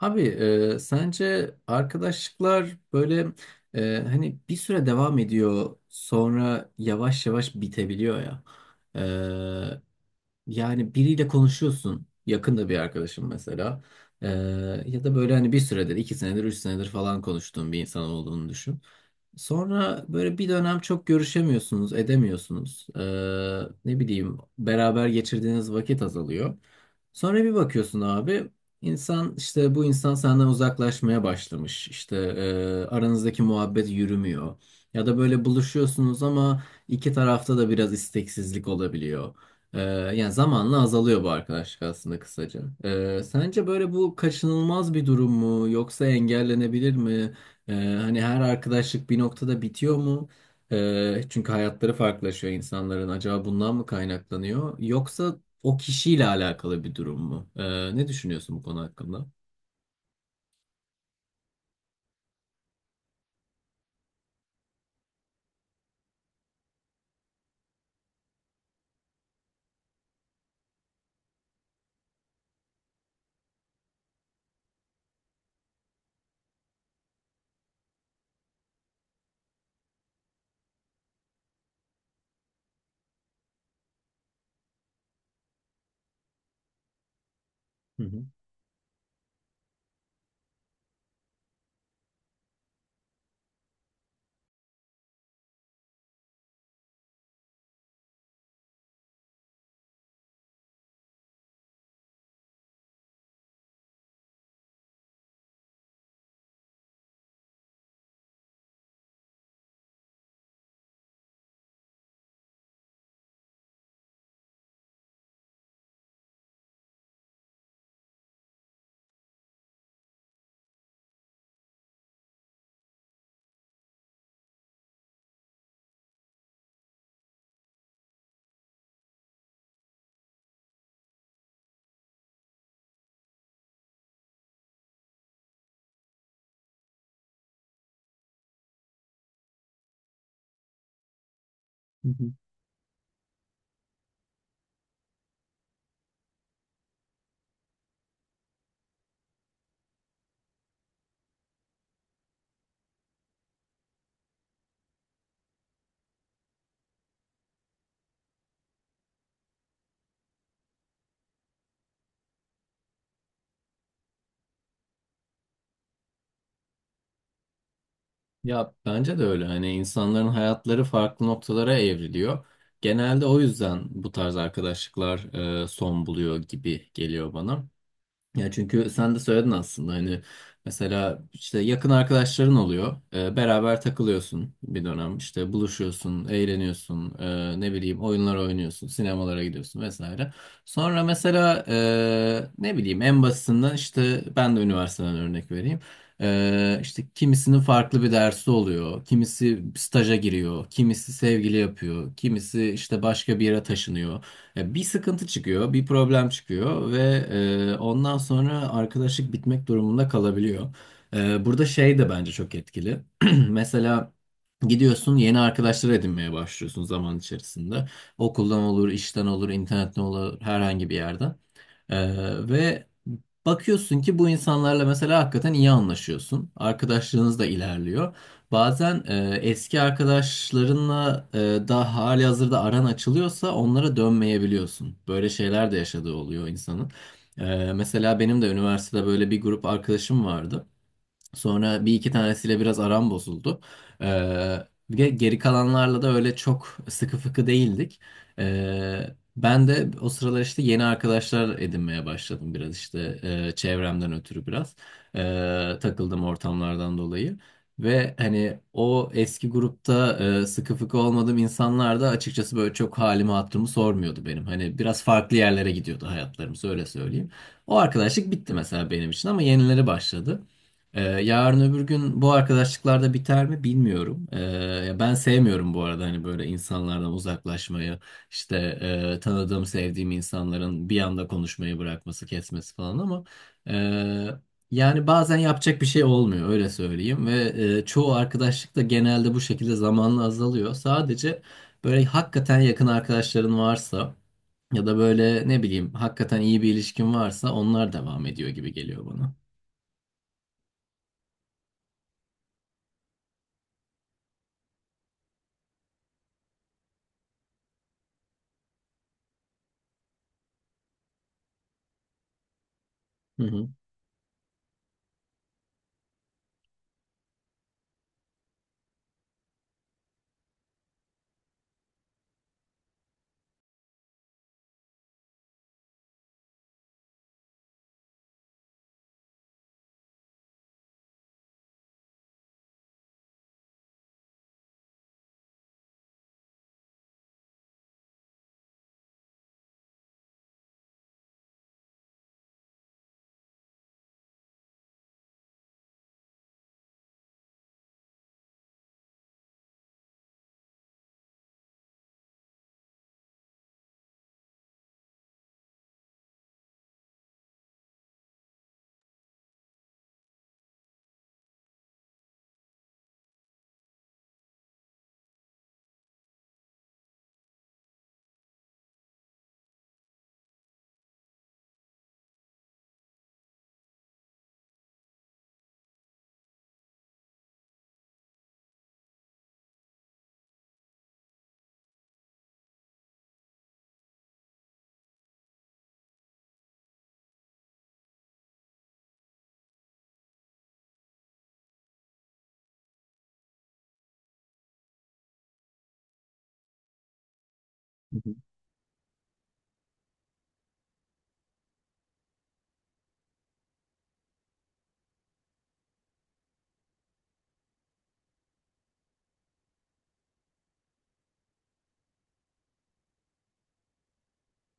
Abi, sence arkadaşlıklar böyle hani bir süre devam ediyor, sonra yavaş yavaş bitebiliyor ya. E, Yani biriyle konuşuyorsun. Yakında bir arkadaşım mesela. Ee, Ya da böyle hani bir süredir, iki senedir, üç senedir falan konuştuğun bir insan olduğunu düşün. Sonra böyle bir dönem çok görüşemiyorsunuz, edemiyorsunuz. Ne bileyim, beraber geçirdiğiniz vakit azalıyor. Sonra bir bakıyorsun abi. İnsan işte bu insan senden uzaklaşmaya başlamış. İşte aranızdaki muhabbet yürümüyor. Ya da böyle buluşuyorsunuz ama iki tarafta da biraz isteksizlik olabiliyor. E, Yani zamanla azalıyor bu arkadaşlık aslında kısaca. Sence böyle bu kaçınılmaz bir durum mu, yoksa engellenebilir mi? E, Hani her arkadaşlık bir noktada bitiyor mu? Çünkü hayatları farklılaşıyor insanların. Acaba bundan mı kaynaklanıyor? Yoksa o kişiyle alakalı bir durum mu? Ne düşünüyorsun bu konu hakkında? Hı hı. Hı hı. Ya bence de öyle. Hani insanların hayatları farklı noktalara evriliyor. Genelde o yüzden bu tarz arkadaşlıklar son buluyor gibi geliyor bana. Ya çünkü sen de söyledin aslında hani mesela işte yakın arkadaşların oluyor. Beraber takılıyorsun bir dönem. İşte buluşuyorsun, eğleniyorsun, ne bileyim, oyunlar oynuyorsun, sinemalara gidiyorsun vesaire. Sonra mesela ne bileyim, en basitinden işte ben de üniversiteden örnek vereyim. İşte kimisinin farklı bir dersi oluyor. Kimisi staja giriyor, kimisi sevgili yapıyor, kimisi işte başka bir yere taşınıyor. Ya bir sıkıntı çıkıyor, bir problem çıkıyor ve ondan sonra arkadaşlık bitmek durumunda kalabiliyor. Burada şey de bence çok etkili. Mesela gidiyorsun, yeni arkadaşlar edinmeye başlıyorsun zaman içerisinde. Okuldan olur, işten olur, internetten olur, herhangi bir yerden. Ee, Ve bakıyorsun ki bu insanlarla mesela hakikaten iyi anlaşıyorsun. Arkadaşlığınız da ilerliyor. Bazen eski arkadaşlarınla da hali hazırda aran açılıyorsa onlara dönmeyebiliyorsun. Böyle şeyler de yaşadığı oluyor insanın. Mesela benim de üniversitede böyle bir grup arkadaşım vardı. Sonra bir iki tanesiyle biraz aram bozuldu. Ee, Bir de geri kalanlarla da öyle çok sıkı fıkı değildik. Ee, Ben de o sıralar işte yeni arkadaşlar edinmeye başladım, biraz işte çevremden ötürü biraz takıldım ortamlardan dolayı. Ve hani o eski grupta sıkı fıkı olmadığım insanlar da açıkçası böyle çok halimi hatırımı sormuyordu benim. Hani biraz farklı yerlere gidiyordu hayatlarımız, öyle söyleyeyim. O arkadaşlık bitti mesela benim için ama yenileri başladı. Yarın öbür gün bu arkadaşlıklarda biter mi bilmiyorum. Ya ben sevmiyorum bu arada hani böyle insanlardan uzaklaşmayı, işte tanıdığım, sevdiğim insanların bir anda konuşmayı bırakması, kesmesi falan ama e, yani bazen yapacak bir şey olmuyor, öyle söyleyeyim ve çoğu arkadaşlık da genelde bu şekilde zamanla azalıyor. Sadece böyle hakikaten yakın arkadaşların varsa ya da böyle ne bileyim hakikaten iyi bir ilişkin varsa onlar devam ediyor gibi geliyor bana. Hı hı.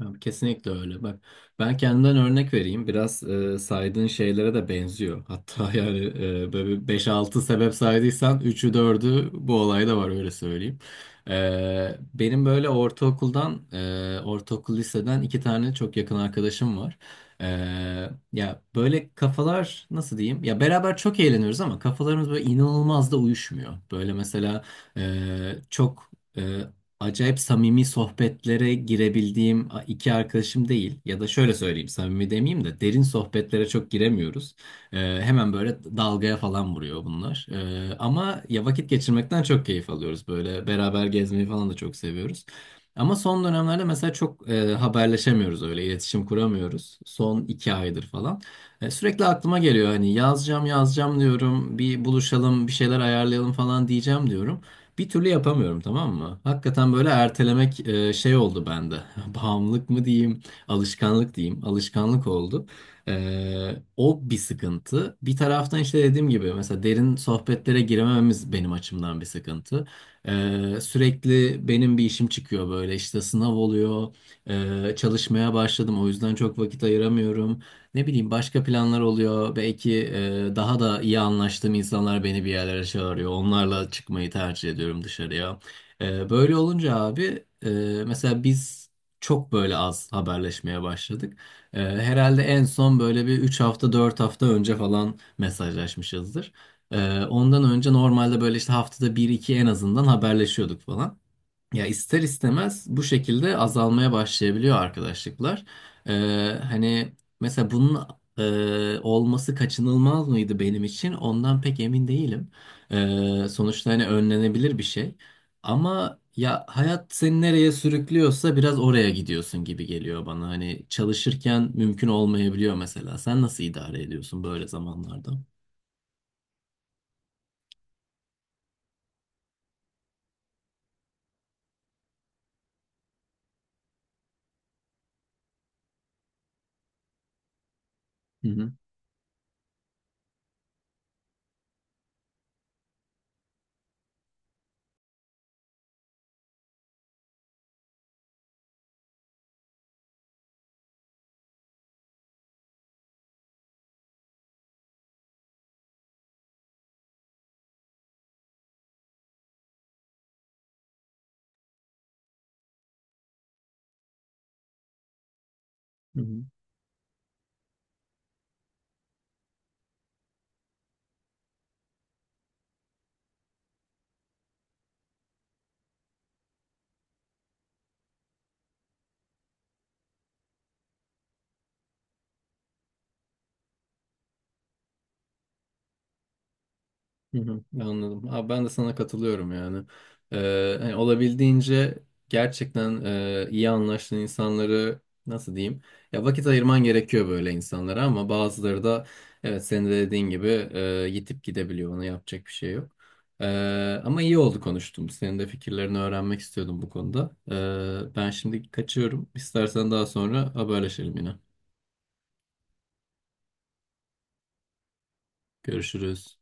Ya, kesinlikle öyle. Bak, ben kendimden örnek vereyim. Biraz saydığın şeylere de benziyor. Hatta yani böyle 5-6 sebep saydıysan üçü dördü bu olayda var, öyle söyleyeyim. Benim böyle ortaokuldan, ortaokul liseden iki tane çok yakın arkadaşım var. E, Ya böyle kafalar, nasıl diyeyim? Ya beraber çok eğleniyoruz ama kafalarımız böyle inanılmaz da uyuşmuyor. Böyle mesela e, çok... e, acayip samimi sohbetlere girebildiğim iki arkadaşım değil. Ya da şöyle söyleyeyim, samimi demeyeyim de, derin sohbetlere çok giremiyoruz. Hemen böyle dalgaya falan vuruyor bunlar. Ama ya vakit geçirmekten çok keyif alıyoruz böyle. Beraber gezmeyi falan da çok seviyoruz. Ama son dönemlerde mesela çok haberleşemiyoruz, öyle iletişim kuramıyoruz. Son iki aydır falan. Sürekli aklıma geliyor, hani yazacağım yazacağım diyorum, bir buluşalım bir şeyler ayarlayalım falan diyeceğim diyorum. Bir türlü yapamıyorum, tamam mı? Hakikaten böyle ertelemek şey oldu bende. Bağımlılık mı diyeyim, alışkanlık diyeyim. Alışkanlık oldu. O bir sıkıntı. Bir taraftan işte dediğim gibi mesela derin sohbetlere giremememiz benim açımdan bir sıkıntı. Sürekli benim bir işim çıkıyor, böyle işte sınav oluyor. Çalışmaya başladım, o yüzden çok vakit ayıramıyorum. Ne bileyim, başka planlar oluyor. Belki daha da iyi anlaştığım insanlar beni bir yerlere çağırıyor. Onlarla çıkmayı tercih ediyorum dışarıya. Böyle olunca abi, mesela biz çok böyle az haberleşmeye başladık. Herhalde en son böyle bir 3 hafta 4 hafta önce falan mesajlaşmışızdır. Ondan önce normalde böyle işte haftada bir iki en azından haberleşiyorduk falan. Ya ister istemez bu şekilde azalmaya başlayabiliyor arkadaşlıklar. Hani mesela bunun olması kaçınılmaz mıydı benim için? Ondan pek emin değilim. Sonuçta hani önlenebilir bir şey. Ama ya hayat seni nereye sürüklüyorsa biraz oraya gidiyorsun gibi geliyor bana. Hani çalışırken mümkün olmayabiliyor mesela. Sen nasıl idare ediyorsun böyle zamanlarda? Hı hı. Hı hı. Hı hı, anladım. Abi, ben de sana katılıyorum yani. Hani olabildiğince gerçekten iyi anlaştığın insanları, nasıl diyeyim? Ya vakit ayırman gerekiyor böyle insanlara, ama bazıları da evet, senin de dediğin gibi yitip gidebiliyor. Ona yapacak bir şey yok. Ee, Ama iyi oldu konuştum. Senin de fikirlerini öğrenmek istiyordum bu konuda. Ben şimdi kaçıyorum. İstersen daha sonra haberleşelim yine. Görüşürüz.